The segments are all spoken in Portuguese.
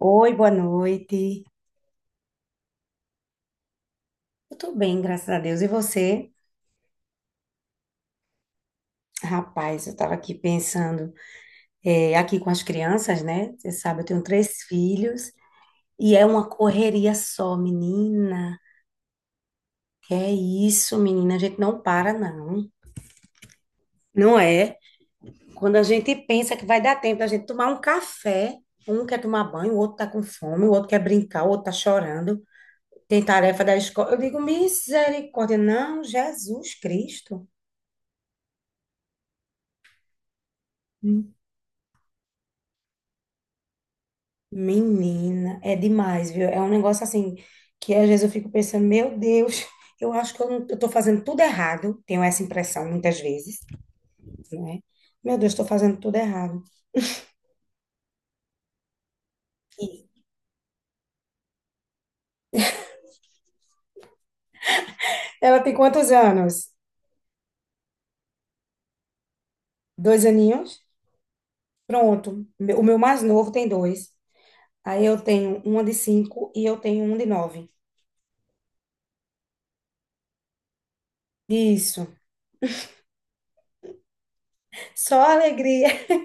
Oi, boa noite. Eu tô bem, graças a Deus. E você? Rapaz, eu tava aqui pensando, aqui com as crianças, né? Você sabe, eu tenho três filhos e é uma correria só, menina. Que é isso, menina? A gente não para, não. Não é? Quando a gente pensa que vai dar tempo da gente tomar um café, um quer tomar banho, o outro tá com fome, o outro quer brincar, o outro tá chorando. Tem tarefa da escola. Eu digo, misericórdia. Não, Jesus Cristo. Menina, é demais, viu? É um negócio assim que às vezes eu fico pensando, meu Deus, eu acho que eu não, eu tô fazendo tudo errado. Tenho essa impressão muitas vezes, né? Meu Deus, tô fazendo tudo errado. Ela tem quantos anos? Dois aninhos? Pronto. O meu mais novo tem dois. Aí eu tenho uma de cinco e eu tenho um de nove. Isso. Só alegria.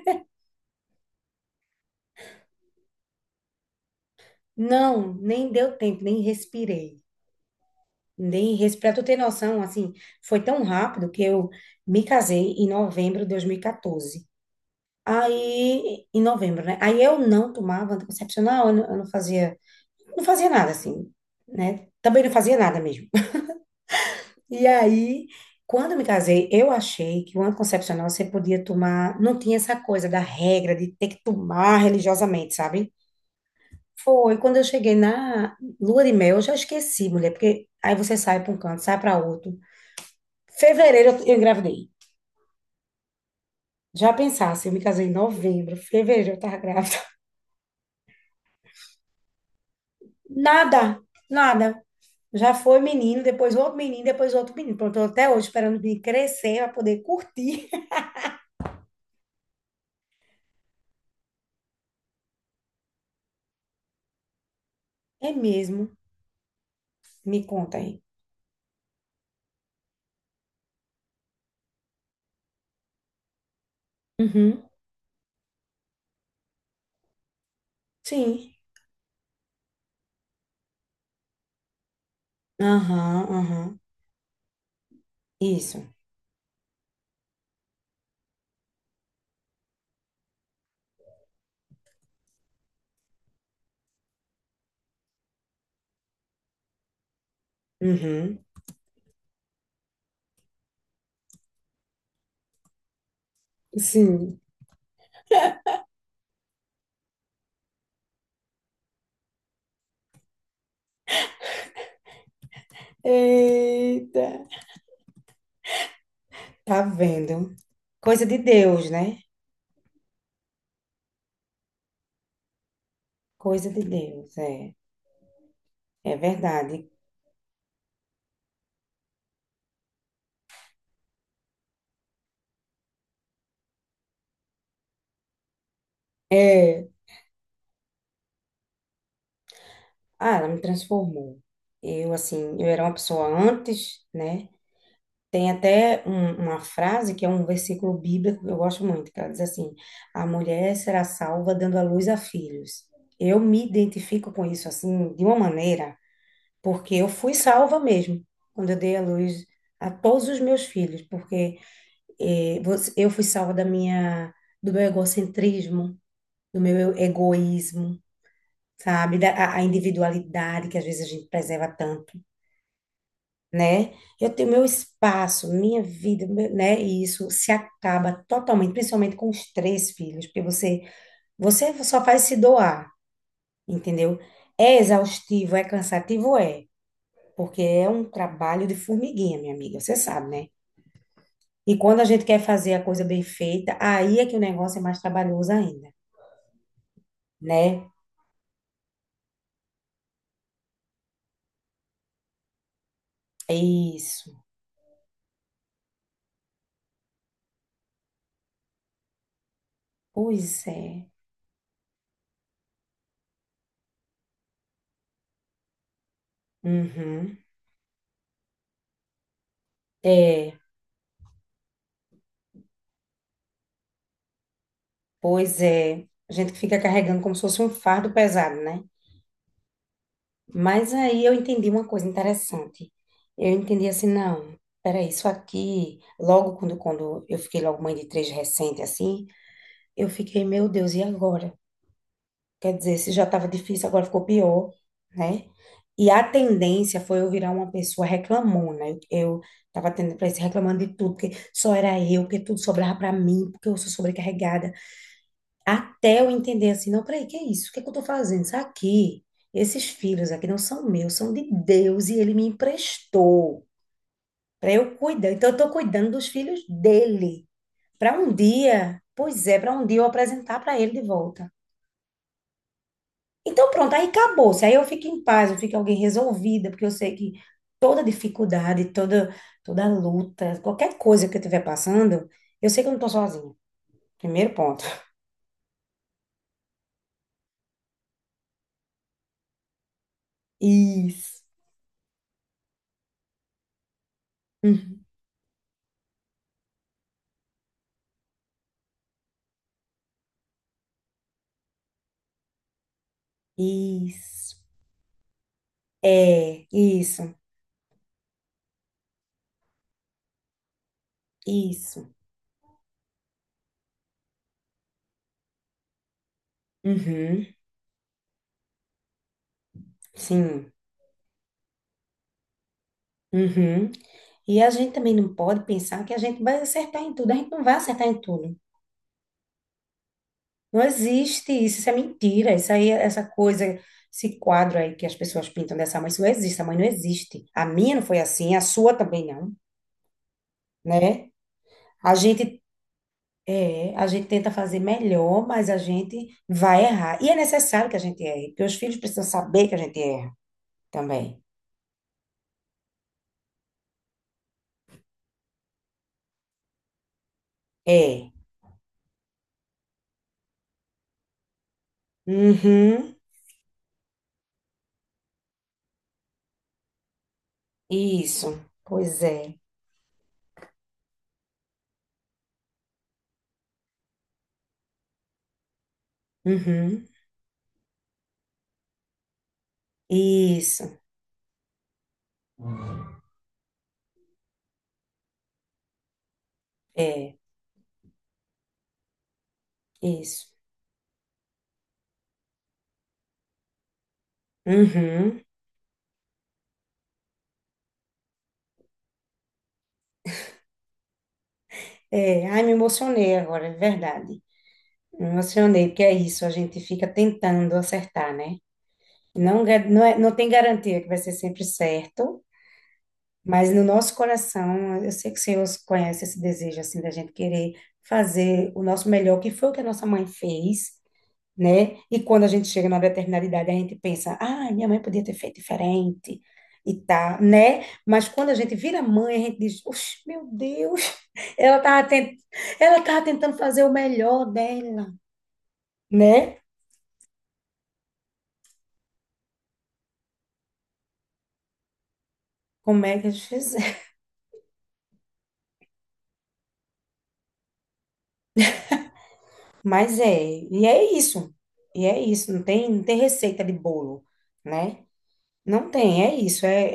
Não, nem deu tempo, nem respirei. Nem para tu ter noção, assim, foi tão rápido que eu me casei em novembro de 2014. Aí, em novembro, né? Aí eu não tomava anticoncepcional, eu não fazia, não fazia nada, assim, né? Também não fazia nada mesmo. E aí, quando eu me casei, eu achei que o anticoncepcional você podia tomar, não tinha essa coisa da regra de ter que tomar religiosamente, sabe? Foi quando eu cheguei na lua de mel, eu já esqueci, mulher, porque aí você sai para um canto, sai para outro. Fevereiro eu engravidei. Já pensasse, eu me casei em novembro, fevereiro eu tava grávida. Nada, nada. Já foi menino, depois outro menino, depois outro menino. Pronto, eu tô até hoje esperando o menino crescer pra poder curtir. É mesmo? Me conta aí. Uhum. Sim. Aham, aham. Isso. Uhum. Sim. Eita. Tá vendo? Coisa de Deus, né? Coisa de Deus, é. É verdade. É. Ah, ela me transformou. Eu, assim, eu era uma pessoa antes, né? Tem até uma frase que é um versículo bíblico que eu gosto muito, que ela diz assim: a mulher será salva dando à luz a filhos. Eu me identifico com isso, assim, de uma maneira, porque eu fui salva mesmo quando eu dei à luz a todos os meus filhos, porque eu fui salva da minha, do meu egocentrismo, do meu egoísmo, sabe? Da, a individualidade que às vezes a gente preserva tanto. Né? Eu tenho meu espaço, minha vida, né? E isso se acaba totalmente, principalmente com os três filhos, porque você só faz se doar, entendeu? É exaustivo, é cansativo, é, porque é um trabalho de formiguinha, minha amiga, você sabe, né? E quando a gente quer fazer a coisa bem feita, aí é que o negócio é mais trabalhoso ainda, né? É isso. Pois é. Uhum. É, pois é. A gente fica carregando como se fosse um fardo pesado, né? Mas aí eu entendi uma coisa interessante. Eu entendi assim, não, peraí, isso aqui, logo quando eu fiquei logo mãe de três recente, assim, eu fiquei, meu Deus, e agora? Quer dizer, se já estava difícil, agora ficou pior, né? E a tendência foi eu virar uma pessoa reclamona. Eu tava tendo para isso, reclamando de tudo, porque só era eu, porque tudo sobrava para mim, porque eu sou sobrecarregada. Até eu entender assim, não, peraí, que é isso? O que é que eu tô fazendo? Isso aqui, esses filhos aqui não são meus, são de Deus e ele me emprestou para eu cuidar. Então eu tô cuidando dos filhos dele. Para um dia, pois é, para um dia eu apresentar para ele de volta. Então pronto, aí acabou. Se aí eu fico em paz, eu fico alguém resolvida, porque eu sei que toda dificuldade, toda luta, qualquer coisa que eu estiver passando, eu sei que eu não tô sozinha. Primeiro ponto. Isso. Uhum. Isso. É, isso, isso. Uhum, sim. Uhum. E a gente também não pode pensar que a gente vai acertar em tudo. A gente não vai acertar em tudo. Não existe isso, isso é mentira. Isso aí, essa coisa, esse quadro aí que as pessoas pintam dessa mãe, isso não existe. A mãe não existe. A minha não foi assim, a sua também não, né? A gente a gente tenta fazer melhor, mas a gente vai errar. E é necessário que a gente erre, porque os filhos precisam saber que a gente erra também. É. Uhum. Isso, pois é. Uhum. Isso, é, isso. Uhum. É, ai, me emocionei agora, é verdade. Me emocionei, porque é isso, a gente fica tentando acertar, né? Não, é, não tem garantia que vai ser sempre certo, mas no nosso coração, eu sei que o Senhor conhece esse desejo, assim, da gente querer fazer o nosso melhor, que foi o que a nossa mãe fez, né? E quando a gente chega numa determinada idade, a gente pensa, ah, minha mãe podia ter feito diferente e tá, né? Mas quando a gente vira mãe, a gente diz, Oxe, meu Deus, ela tava, tent... ela tava tentando fazer o melhor dela, né? Como é que eles fizeram? Mas é, e é isso, e é isso, não tem receita de bolo, né? Não tem, é isso, é,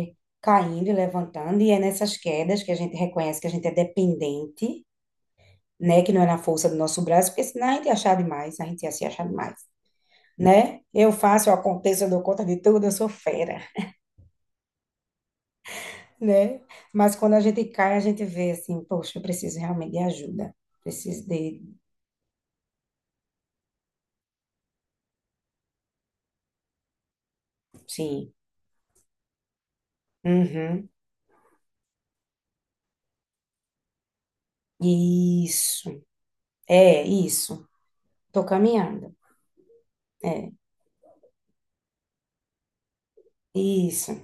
é caindo e levantando, e é nessas quedas que a gente reconhece que a gente é dependente, né? Que não é na força do nosso braço, porque senão a gente ia achar demais, a gente ia se achar demais, né? Eu faço, eu aconteço, eu dou conta de tudo, eu sou fera, né? Mas quando a gente cai, a gente vê assim, poxa, eu preciso realmente de ajuda, preciso de, sim, uhum, isso, é isso, tô caminhando, é, isso,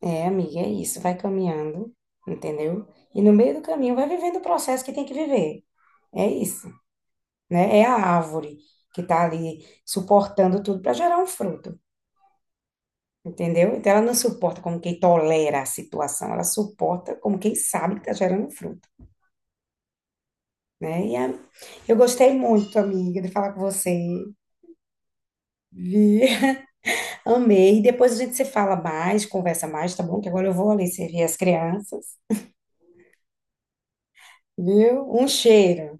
é, amiga, é isso, vai caminhando, entendeu? E no meio do caminho vai vivendo o processo que tem que viver, é isso. Né? É a árvore que está ali suportando tudo para gerar um fruto, entendeu? Então ela não suporta como quem tolera a situação, ela suporta como quem sabe que está gerando um fruto, né? Eu gostei muito, amiga, de falar com você, vi, amei. Depois a gente se fala mais, conversa mais, tá bom? Que agora eu vou ali servir as crianças, viu? Um cheiro.